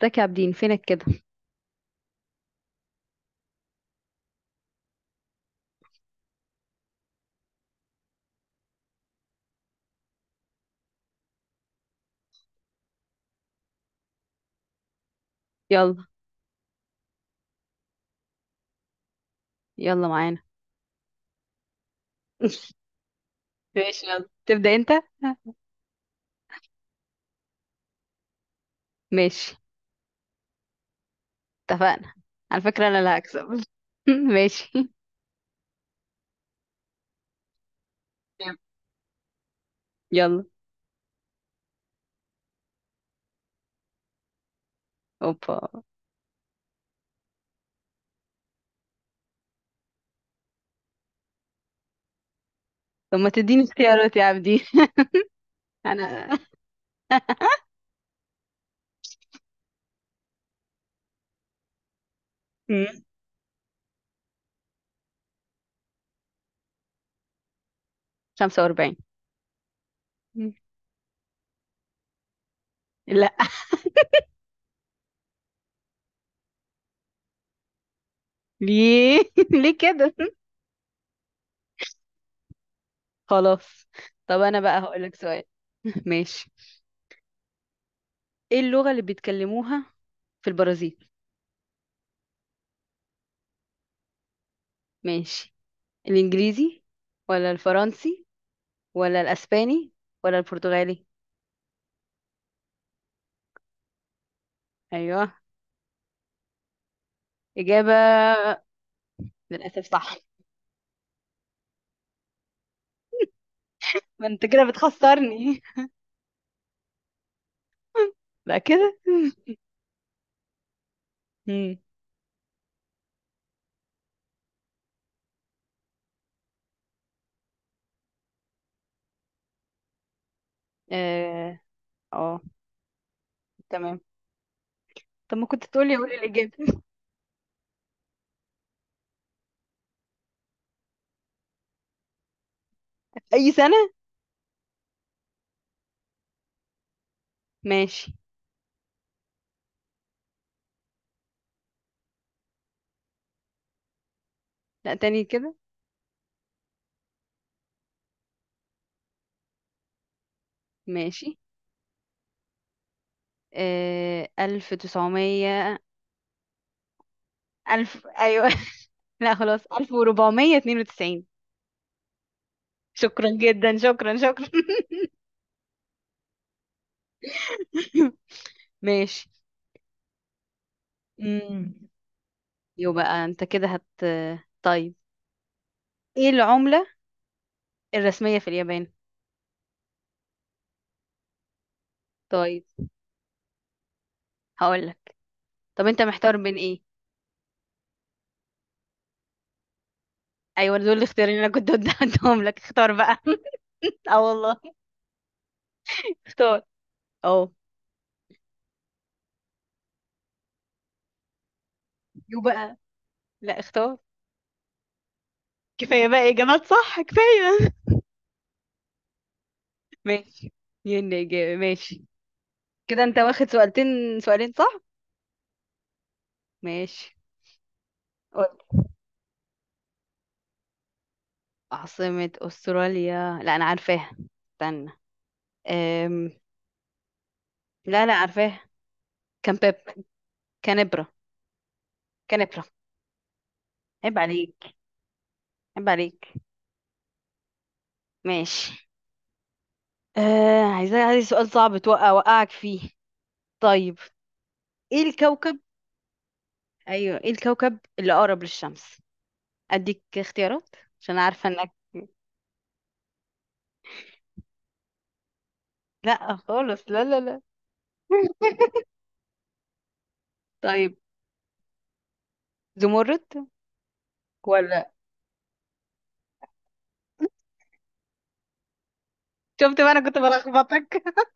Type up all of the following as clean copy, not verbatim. تاك يا عابدين، فينك كده؟ يلا. يلا معانا. ماشي، يلا تبدأ انت. ماشي. اتفقنا. على فكرة انا اللي هكسب. ماشي. يلا. اوبا. طب ما تديني اختيارات يا عابدين. انا. مم. 45. مم. لا. ليه؟ ليه كده؟ خلاص. طب انا بقى هقولك سؤال. ماشي. ايه اللغة اللي بيتكلموها في البرازيل؟ ماشي. الانجليزي ولا الفرنسي ولا الاسباني ولا البرتغالي؟ ايوه. إجابة. للأسف صح. ما أنت كده بتخسرني. بقى كده؟ مم. اه. آه، تمام. طب ما كنت تقولي، قولي الإجابة. أي سنة؟ ماشي. لا، تاني كده. ماشي. 1900. ألف، أيوة. لا، خلاص، 1492. شكرا جدا، شكرا، شكرا. ماشي. مم. يو بقى، أنت كده طيب. إيه العملة الرسمية في اليابان؟ طيب. هقولك. طب انت محتار بين ايه؟ ايوه، دول الاختيارين اللي انا كنت قدامهم لك، اختار بقى. اه والله. اختار. اه. يو بقى. لا، اختار. كفايه بقى، اجابات صح، كفايه. ماشي. ين، اجابه، ماشي. كده انت واخد سؤالتين، سؤالين، صح؟ ماشي. قول. عاصمة استراليا؟ لا، انا عارفاها. استنى. أم... لا لا، عارفاها. كامبيب. كانبرا. كانبرا. عيب عليك. عيب عليك. ماشي. عايز سؤال صعب، توقع وقعك فيه. طيب. ايه الكوكب. ايوه، ايه الكوكب اللي اقرب للشمس؟ اديك اختيارات عشان عارفه انك. لا، خالص، لا لا لا. طيب. زمرد ولا. شفت بقى، انا كنت بلخبطك.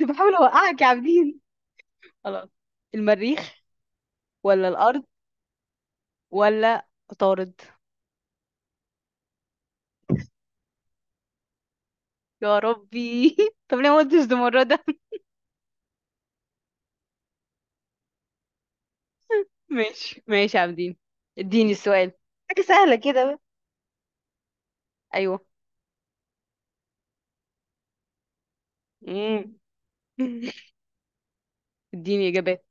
كنت بحاول اوقعك يا عابدين. خلاص. المريخ ولا الارض ولا عطارد؟ يا ربي. طب ليه ما قلتش زمردة؟ ماشي، ماشي يا عابدين. اديني السؤال. حاجه سهله كده بقى. ايوه. مم. اديني اجابات.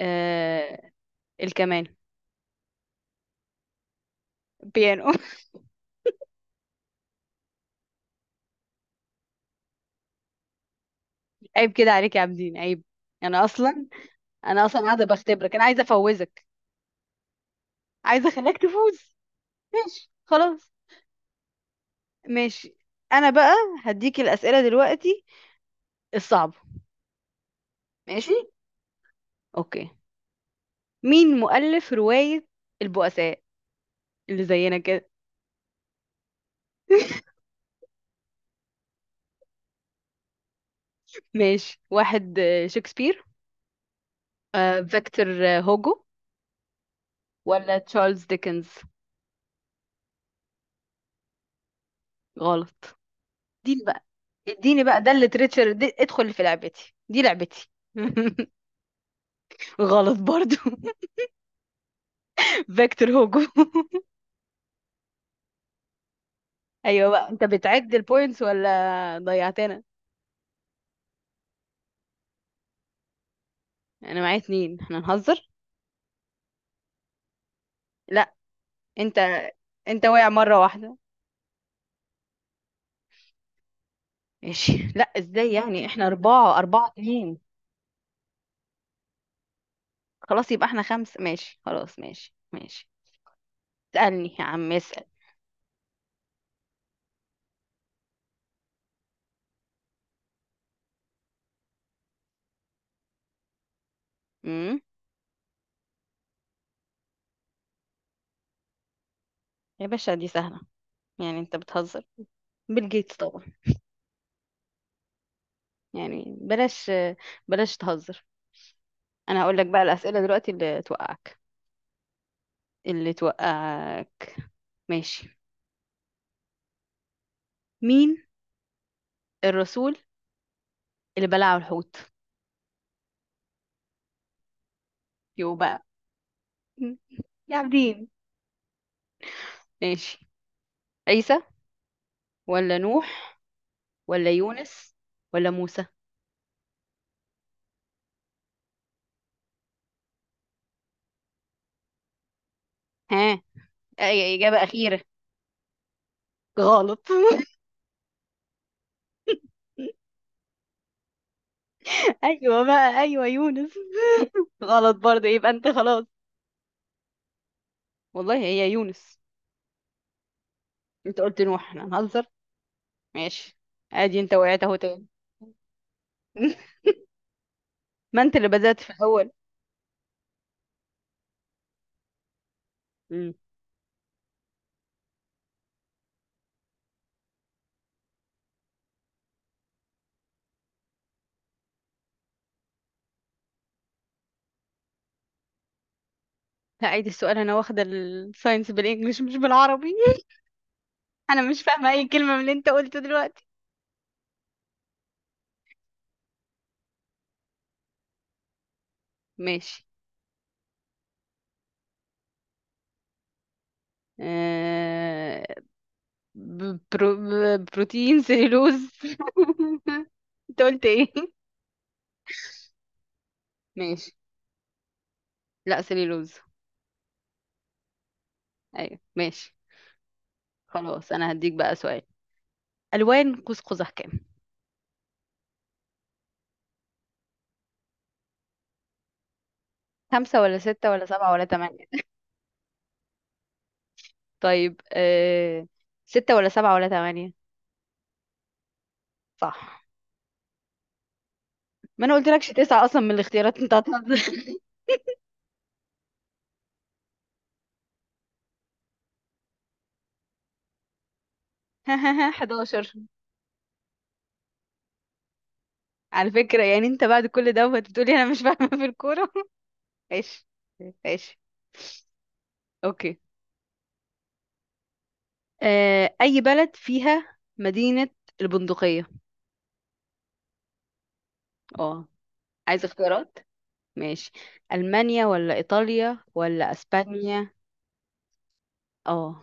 آه... الكمان. بيانو. عيب كده عليك يا عابدين، عيب. انا اصلا. قاعده بختبرك، انا عايزه افوزك. عايزه اخليك تفوز. ماشي، خلاص، ماشي. انا بقى هديك الاسئله دلوقتي الصعبه. ماشي. اوكي. مين مؤلف روايه البؤساء، اللي زينا كده؟ ماشي. واحد. شكسبير. فيكتور هوجو ولا تشارلز ديكنز؟ غلط. اديني بقى. ده اللي تريتشر. دي ادخل في لعبتي، دي لعبتي. غلط برضو. فيكتور هوجو. ايوه بقى، انت بتعد البوينتس ولا ضيعتنا؟ انا معايا اتنين، احنا نهزر. لا، انت انت واقع مره واحده. ماشي. لا، ازاي يعني؟ احنا اربعه، اربعه اتنين. خلاص، يبقى احنا خمسه. ماشي، خلاص، ماشي، ماشي. اسالني يا عم، اسال. امم يا باشا، دي سهله، يعني انت بتهزر. بيل جيتس طبعا. يعني بلاش. بلاش تهزر. انا هقول لك بقى الاسئله دلوقتي اللي توقعك، اللي توقعك. ماشي. مين الرسول اللي بلعه الحوت؟ يو بقى. مم. يا عابدين. ماشي. عيسى ولا نوح ولا يونس ولا موسى؟ ها. أي إجابة أخيرة. غلط. ايوه بقى، ايوه، يونس. غلط برضه، يبقى أنت خلاص. والله هي يونس. أنت قلت نوح، إحنا هنهزر. ماشي. عادي، أنت وقعت أهو تاني. ما أنت اللي بدأت في الأول. مم. هعيد السؤال، أنا واخدة الساينس بالإنجلش مش بالعربي. أنا مش فاهمة أي كلمة من اللي أنت قلته دلوقتي. ماشي. آه... بروتين، سليلوز. انت قلت ايه؟ ماشي. لا، سليلوز. ايوه، ماشي. خلاص، انا هديك بقى سؤال. الوان قوس قزح كام؟ خمسة ولا ستة ولا سبعة ولا تمانية؟ طيب. ستة ولا سبعة ولا تمانية؟ صح. ما انا قلت لكش تسعة اصلا من الاختيارات، انت هتهزر. 11. على فكرة، يعني انت بعد كل دوت بتقولي انا مش فاهمة في الكورة. ماشي. ماشي. اوكي. اي بلد فيها مدينة البندقية؟ اه، عايز اختيارات. ماشي. ألمانيا ولا إيطاليا ولا أسبانيا؟ اه.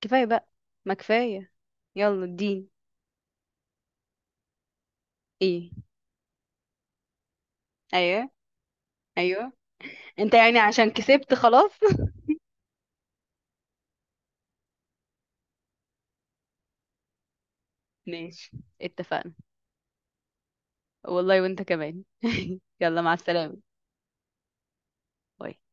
كفاية بقى. ما كفاية. يلا اديني. ايه. ايوه. ايوه، انت يعني عشان كسبت خلاص. ماشي. اتفقنا. والله وانت كمان. يلا مع السلامة. باي.